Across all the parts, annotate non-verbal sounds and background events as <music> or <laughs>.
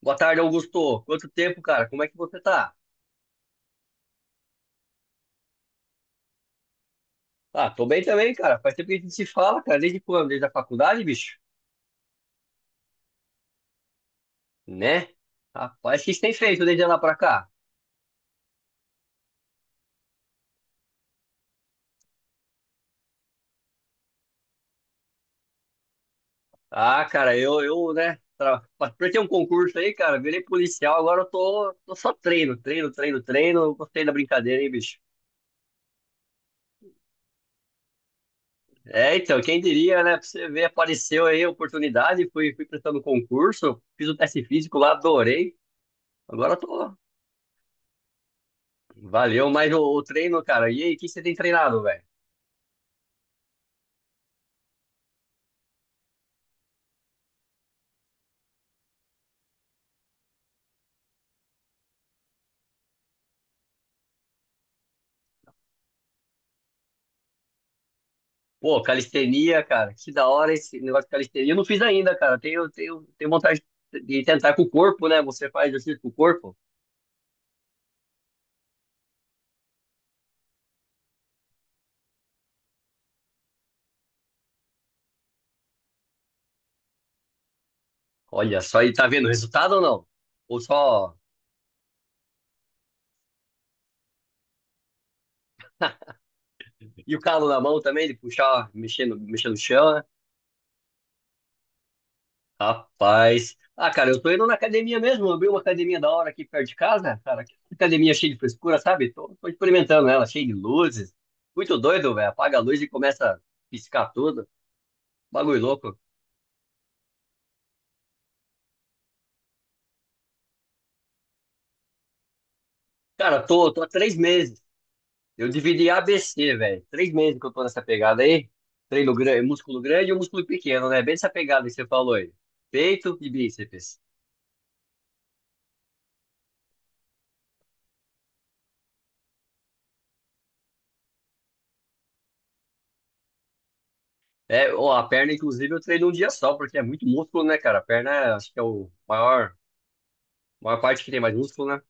Boa tarde, Augusto. Quanto tempo, cara? Como é que você tá? Ah, tô bem também, cara. Faz tempo que a gente se fala, cara. Desde quando? Desde a faculdade, bicho? Né? Rapaz, o que você tem feito desde lá pra cá? Ah, cara, eu, né? Pra ter um concurso aí, cara, virei policial, agora eu tô só treino, treino, treino, treino. Gostei da brincadeira, hein, bicho? É, então, quem diria, né? Pra você ver, apareceu aí a oportunidade, fui prestando concurso, fiz o teste físico lá, adorei. Agora eu tô. Valeu, mas o treino, cara. E aí, o que você tem treinado, velho? Pô, calistenia, cara, que da hora esse negócio de calistenia. Eu não fiz ainda, cara. Tenho vontade de tentar com o corpo, né? Você faz exercício com o corpo. Olha só, e tá vendo o resultado ou não? Ou só. E o calo na mão também, de puxar, mexendo, mexendo no chão, né? Rapaz. Ah, cara, eu tô indo na academia mesmo. Eu abri uma academia da hora aqui perto de casa, cara. Que academia cheia de frescura, sabe? Tô experimentando ela, cheia de luzes. Muito doido, velho. Apaga a luz e começa a piscar tudo. Bagulho louco. Cara, tô há três meses. Eu dividi ABC, velho. Três meses que eu tô nessa pegada aí. Treino grande, músculo grande e um músculo pequeno, né? Bem essa pegada que você falou aí. Peito e bíceps. É, ó, a perna, inclusive, eu treino um dia só, porque é muito músculo, né, cara? A perna, acho que é o maior parte que tem mais músculo, né?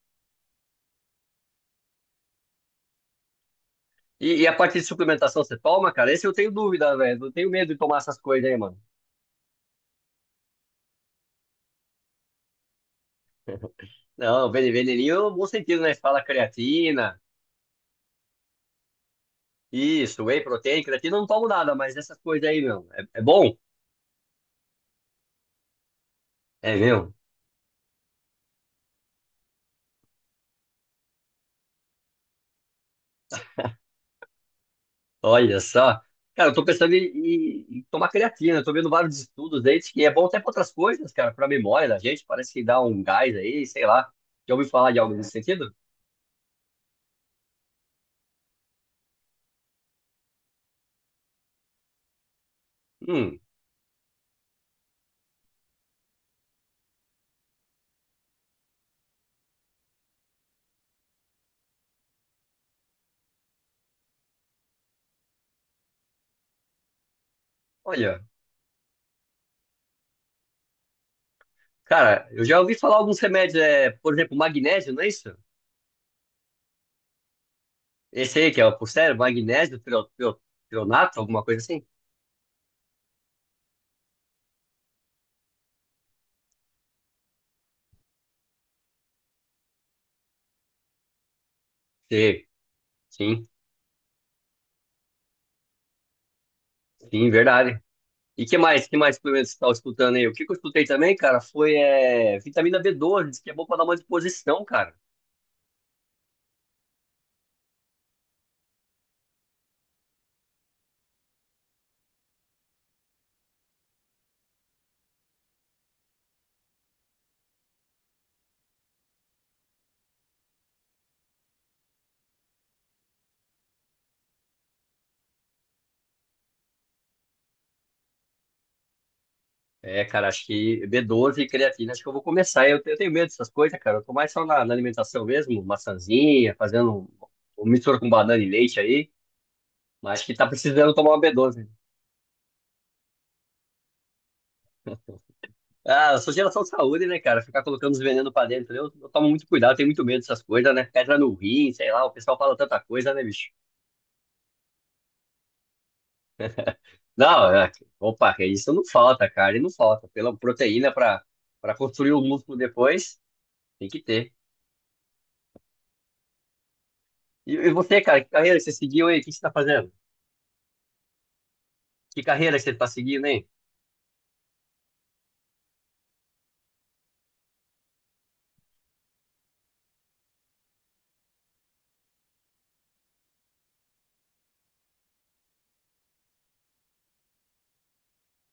E, a parte de suplementação, você toma, cara? Esse eu tenho dúvida, velho. Eu tenho medo de tomar essas coisas aí, mano. Não, vene- veneninho, no bom sentido, né? Você fala creatina, isso, whey protein, creatina, eu não tomo nada, mas essas coisas aí, meu. É, é bom? É, meu. Olha só. Cara, eu tô pensando em tomar creatina. Eu tô vendo vários estudos aí diz que é bom até pra outras coisas, cara, pra memória da gente. Parece que dá um gás aí, sei lá. Já ouvi falar de algo nesse sentido? Hum, olha. Cara, eu já ouvi falar alguns remédios, é, por exemplo, magnésio, não é isso? Esse aí que é por sério, magnésio, trio- trio- trionato, alguma coisa assim? Sim, sim, sim, verdade. E que mais suplementos você estava escutando aí? O que que eu escutei também, cara, foi é, vitamina B12, diz que é bom pra dar uma disposição, cara. É, cara, acho que B12 e creatina, acho que eu vou começar. Eu tenho medo dessas coisas, cara. Eu tô mais só na, na alimentação mesmo, maçãzinha, fazendo um- mistura com banana e leite aí, mas acho que tá precisando tomar uma B12. Ah, eu sou geração de saúde, né, cara? Ficar colocando os venenos pra dentro, eu tomo muito cuidado, tenho muito medo dessas coisas, né? Pedra no rim, sei lá, o pessoal fala tanta coisa, né, bicho? Não, é, opa, que isso não falta, cara, e não falta. Pela proteína pra, pra construir o músculo depois, tem que ter. E, você, cara, que carreira que você seguiu aí? O que você tá fazendo? Que carreira que você tá seguindo, hein?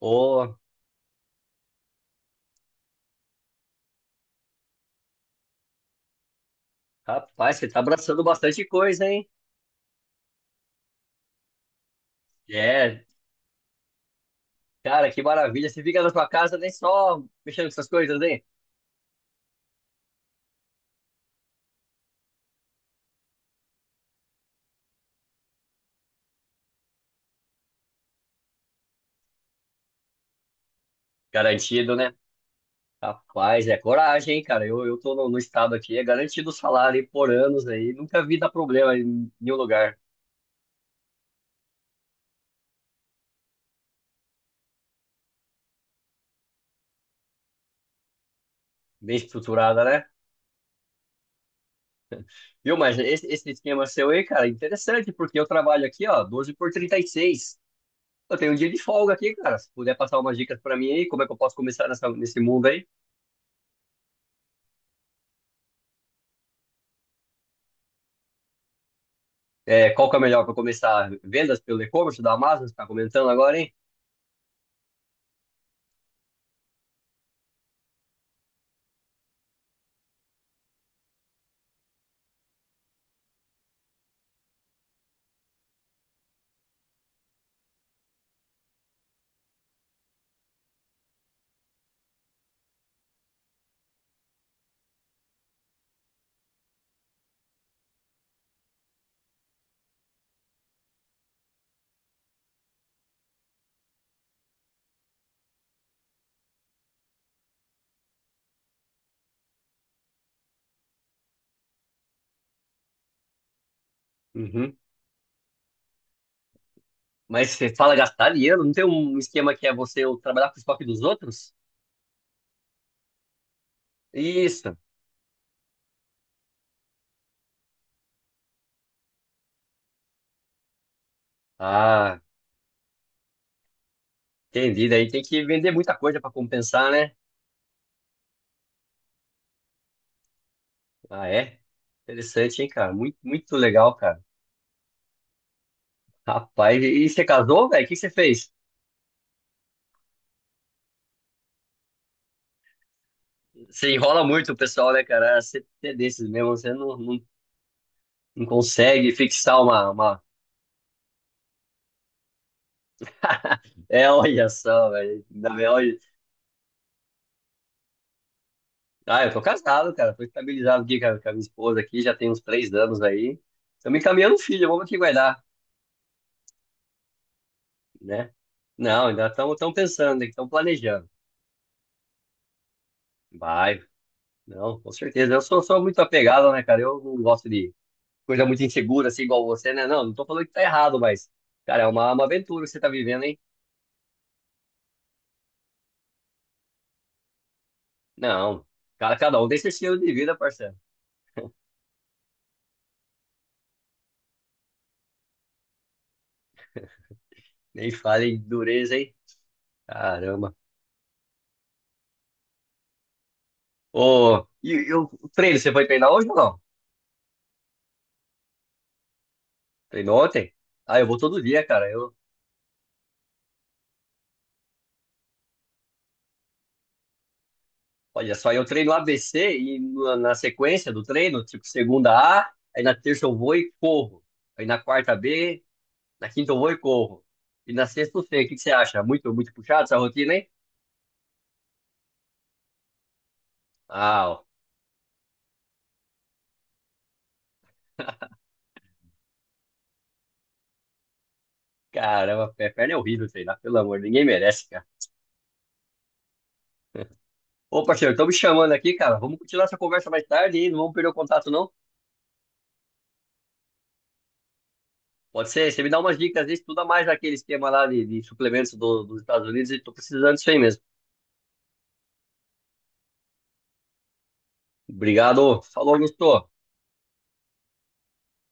Ô, rapaz, você tá abraçando bastante coisa, hein? É, cara, que maravilha. Você fica na sua casa nem só mexendo com essas coisas, hein? Garantido, né? Rapaz, é coragem, hein, cara? Eu tô no, no estado aqui, é garantido o salário hein, por anos aí. Nunca vi dar problema em nenhum lugar. Bem estruturada, né? Viu, mas esse esquema seu aí, cara, é interessante, porque eu trabalho aqui, ó, 12 por 36. Eu tenho um dia de folga aqui, cara. Se puder passar umas dicas pra mim aí, como é que eu posso começar nessa, nesse mundo aí? É, qual que é melhor para começar? Vendas pelo e-commerce da Amazon, você tá comentando agora, hein? Uhum. Mas você fala gastar dinheiro? Não tem um esquema que é você trabalhar com o estoque dos outros? Isso. Ah, entendi. Daí tem que vender muita coisa para compensar, né? Ah, é? Interessante, hein, cara? Muito, muito legal, cara. Rapaz, e você casou, velho? O que você fez? Você enrola muito o pessoal, né, cara? Ah, você é desses mesmo, você não consegue fixar uma... <laughs> É, olha só, velho. Ah, eu tô casado, cara. Tô estabilizado aqui com a minha esposa aqui, já tem uns três anos aí. Estamos encaminhando um filho, vamos aqui guardar, né? Não, ainda estamos tão pensando, estão planejando. Vai, não, com certeza. Eu sou muito apegado, né, cara? Eu não gosto de coisa muito insegura, assim, igual você, né? Não tô falando que tá errado, mas, cara, é uma aventura que você tá vivendo, hein? Não, cara, cada um tem seu estilo de vida, parceiro. Nem fale em dureza, hein? Caramba. Ô, e, o treino, você foi treinar hoje ou não? Treinou ontem? Ah, eu vou todo dia, cara. Eu, olha só, eu treino ABC e na, na sequência do treino, tipo, segunda A, aí na terça eu vou e corro. Aí na quarta B, na quinta eu vou e corro. E na sexta eu sei. O que que você acha? Muito, muito puxado essa rotina, hein? Ah, ó, caramba, pé- perna é horrível treinar, pelo amor, ninguém merece, cara. <laughs> Ô, parceiro, estão me chamando aqui, cara. Vamos continuar essa conversa mais tarde, hein? Não vamos perder o contato, não? Pode ser, você me dá umas dicas, estuda mais aquele esquema lá de suplementos do- dos Estados Unidos e tô precisando disso aí mesmo. Obrigado. Falou, Augusto.